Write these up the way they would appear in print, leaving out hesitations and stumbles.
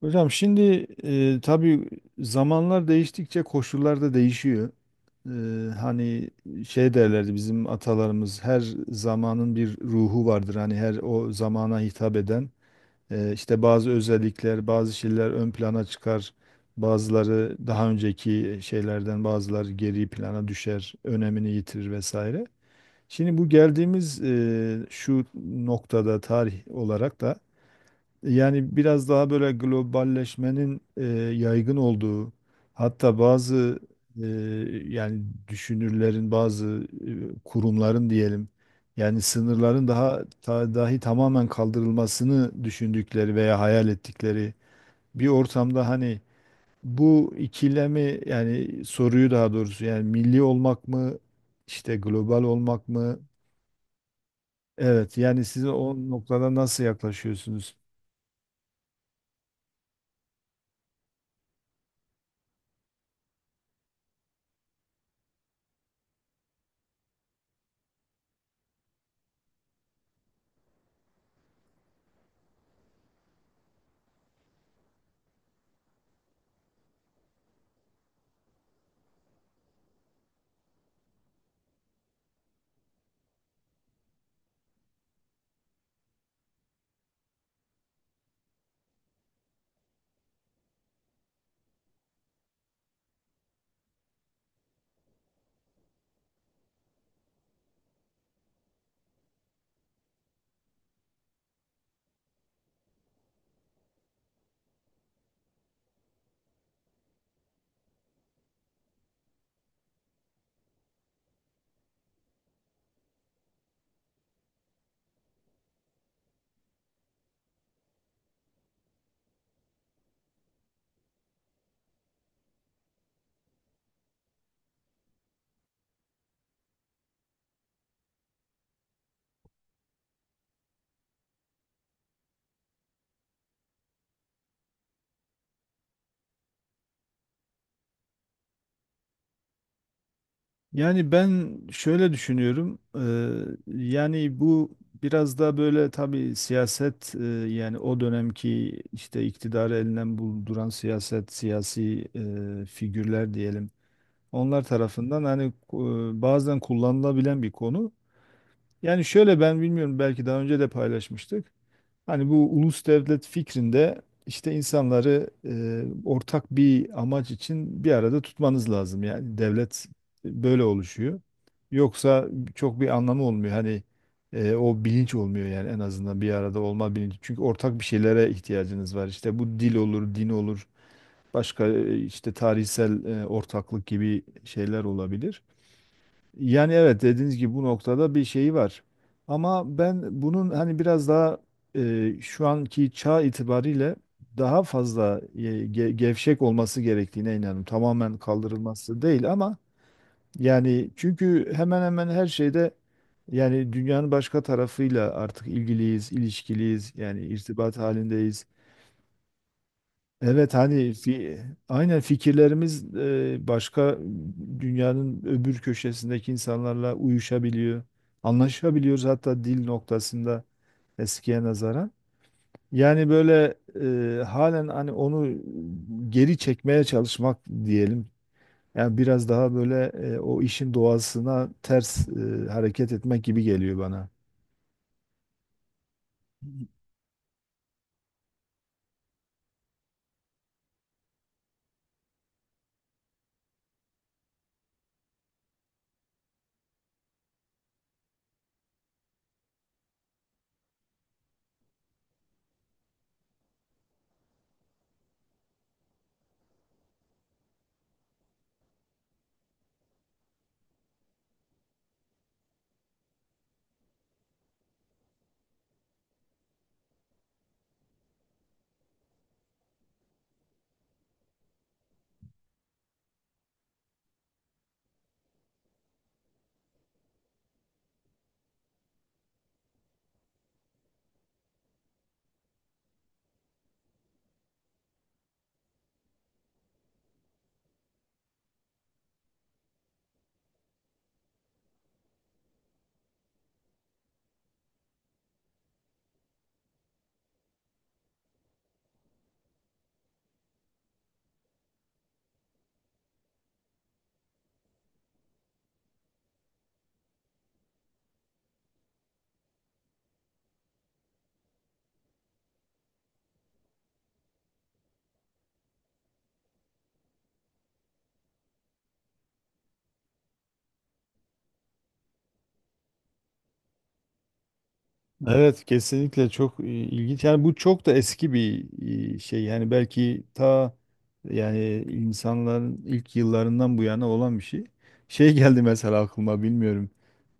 Hocam şimdi tabii zamanlar değiştikçe koşullar da değişiyor. E, hani şey derlerdi bizim atalarımız her zamanın bir ruhu vardır. Hani her o zamana hitap eden işte bazı özellikler, bazı şeyler ön plana çıkar. Bazıları daha önceki şeylerden bazıları geri plana düşer, önemini yitirir vesaire. Şimdi bu geldiğimiz şu noktada tarih olarak da yani biraz daha böyle globalleşmenin yaygın olduğu, hatta bazı e, yani düşünürlerin, bazı kurumların diyelim, yani sınırların daha dahi tamamen kaldırılmasını düşündükleri veya hayal ettikleri bir ortamda hani bu ikilemi yani soruyu daha doğrusu yani milli olmak mı işte global olmak mı? Evet yani siz o noktada nasıl yaklaşıyorsunuz? Yani ben şöyle düşünüyorum. Yani bu biraz da böyle tabii siyaset yani o dönemki işte iktidarı elinden bulduran siyaset, siyasi figürler diyelim. Onlar tarafından hani eee, bazen kullanılabilen bir konu. Yani şöyle ben bilmiyorum belki daha önce de paylaşmıştık. Hani bu ulus devlet fikrinde işte insanları ortak bir amaç için bir arada tutmanız lazım. Yani devlet böyle oluşuyor. Yoksa çok bir anlamı olmuyor. Hani o bilinç olmuyor yani en azından bir arada olma bilinci. Çünkü ortak bir şeylere ihtiyacınız var. İşte bu dil olur, din olur, başka işte tarihsel ortaklık gibi şeyler olabilir. Yani evet dediğiniz gibi bu noktada bir şeyi var. Ama ben bunun hani biraz daha şu anki çağ itibariyle daha fazla gevşek olması gerektiğine inanıyorum. Tamamen kaldırılması değil ama yani çünkü hemen hemen her şeyde yani dünyanın başka tarafıyla artık ilgiliyiz, ilişkiliyiz, yani irtibat halindeyiz. Evet hani aynen fikirlerimiz başka dünyanın öbür köşesindeki insanlarla uyuşabiliyor. Anlaşabiliyoruz hatta dil noktasında eskiye nazaran. Yani böyle halen hani onu geri çekmeye çalışmak diyelim. Yani biraz daha böyle o işin doğasına ters hareket etmek gibi geliyor bana. Evet kesinlikle çok ilginç. Yani bu çok da eski bir şey. Yani belki ta yani insanların ilk yıllarından bu yana olan bir şey. Şey geldi mesela aklıma bilmiyorum.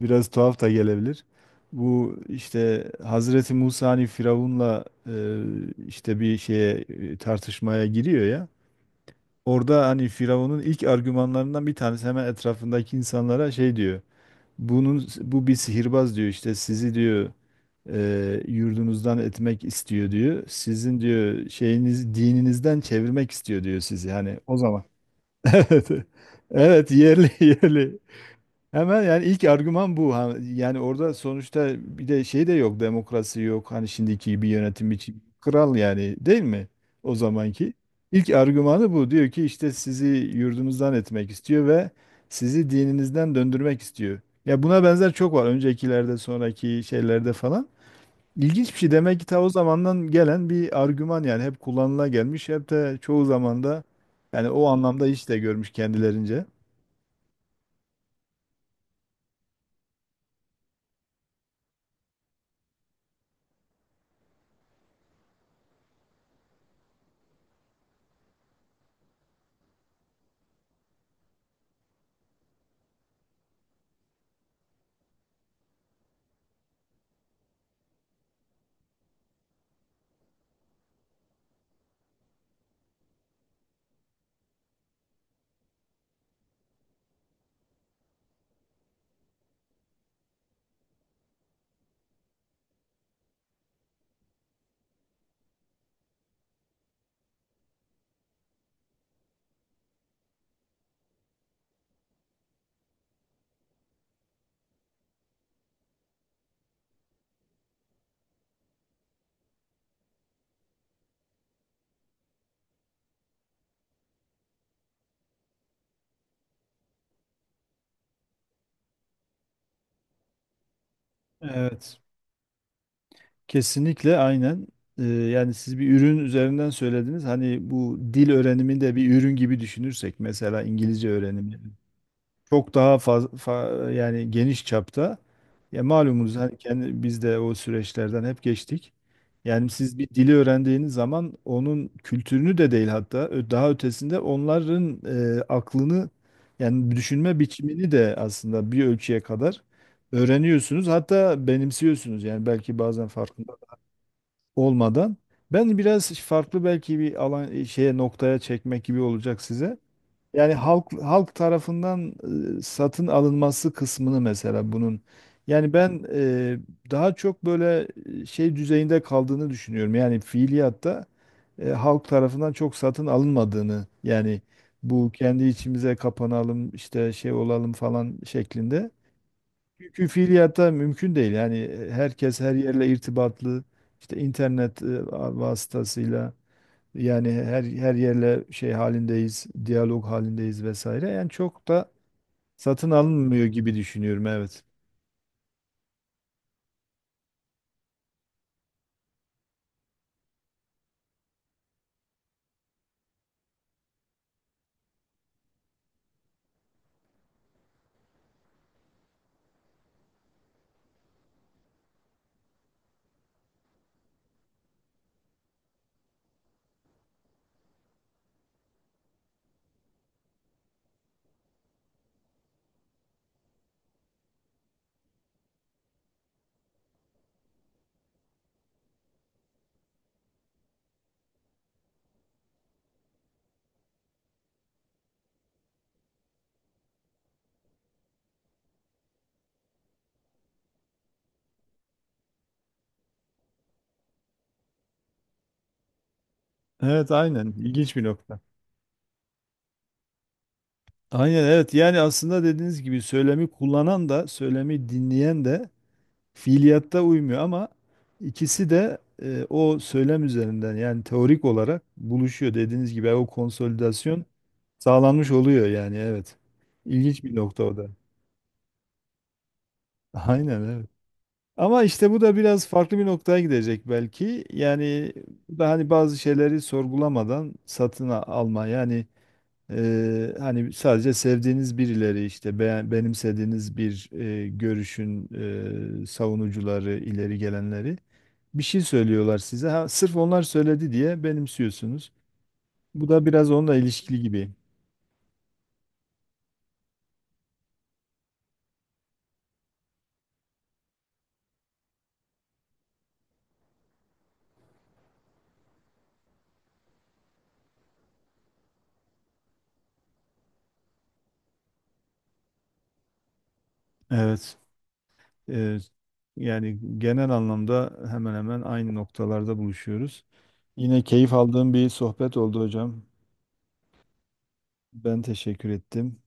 Biraz tuhaf da gelebilir. Bu işte Hazreti Musa hani Firavun'la işte bir şeye tartışmaya giriyor ya. Orada hani Firavun'un ilk argümanlarından bir tanesi hemen etrafındaki insanlara şey diyor. Bunun bu bir sihirbaz diyor işte sizi diyor yurdunuzdan etmek istiyor diyor. Sizin diyor şeyiniz dininizden çevirmek istiyor diyor sizi. Hani o zaman. Evet. Evet yerli yerli. Hemen yani ilk argüman bu. Ha, yani orada sonuçta bir de şey de yok, demokrasi yok. Hani şimdiki gibi yönetim biçimi kral yani değil mi? O zamanki. İlk argümanı bu. Diyor ki işte sizi yurdunuzdan etmek istiyor ve sizi dininizden döndürmek istiyor. Ya buna benzer çok var. Öncekilerde, sonraki şeylerde falan. İlginç bir şey. Demek ki ta o zamandan gelen bir argüman yani hep kullanıla gelmiş. Hep de çoğu zamanda yani o anlamda hiç de görmüş kendilerince. Evet. Kesinlikle aynen. Yani siz bir ürün üzerinden söylediniz. Hani bu dil öğrenimini de bir ürün gibi düşünürsek mesela İngilizce öğrenimi çok daha fazla yani geniş çapta. Ya malumunuz hani kendi biz de o süreçlerden hep geçtik. Yani siz bir dili öğrendiğiniz zaman onun kültürünü de değil hatta daha ötesinde onların aklını yani düşünme biçimini de aslında bir ölçüye kadar öğreniyorsunuz. Hatta benimsiyorsunuz yani belki bazen farkında olmadan. Ben biraz farklı belki bir alan şeye noktaya çekmek gibi olacak size. Yani halk tarafından satın alınması kısmını mesela bunun. Yani ben daha çok böyle şey düzeyinde kaldığını düşünüyorum. Yani fiiliyatta halk tarafından çok satın alınmadığını yani bu kendi içimize kapanalım işte şey olalım falan şeklinde. Çünkü fiiliyatta mümkün değil. Yani herkes her yerle irtibatlı. İşte internet vasıtasıyla yani her yerle şey halindeyiz, diyalog halindeyiz vesaire. Yani çok da satın alınmıyor gibi düşünüyorum evet. Evet aynen ilginç bir nokta. Aynen evet yani aslında dediğiniz gibi söylemi kullanan da söylemi dinleyen de fiiliyatta uymuyor ama ikisi de o söylem üzerinden yani teorik olarak buluşuyor. Dediğiniz gibi o konsolidasyon sağlanmış oluyor yani evet. İlginç bir nokta o da. Aynen evet. Ama işte bu da biraz farklı bir noktaya gidecek belki. Yani bu da hani bazı şeyleri sorgulamadan satın alma. Yani hani sadece sevdiğiniz birileri işte benimsediğiniz bir görüşün savunucuları, ileri gelenleri bir şey söylüyorlar size. Ha, sırf onlar söyledi diye benimsiyorsunuz. Bu da biraz onunla ilişkili gibi. Evet. Eee, Yani genel anlamda hemen hemen aynı noktalarda buluşuyoruz. Yine keyif aldığım bir sohbet oldu hocam. Ben teşekkür ettim.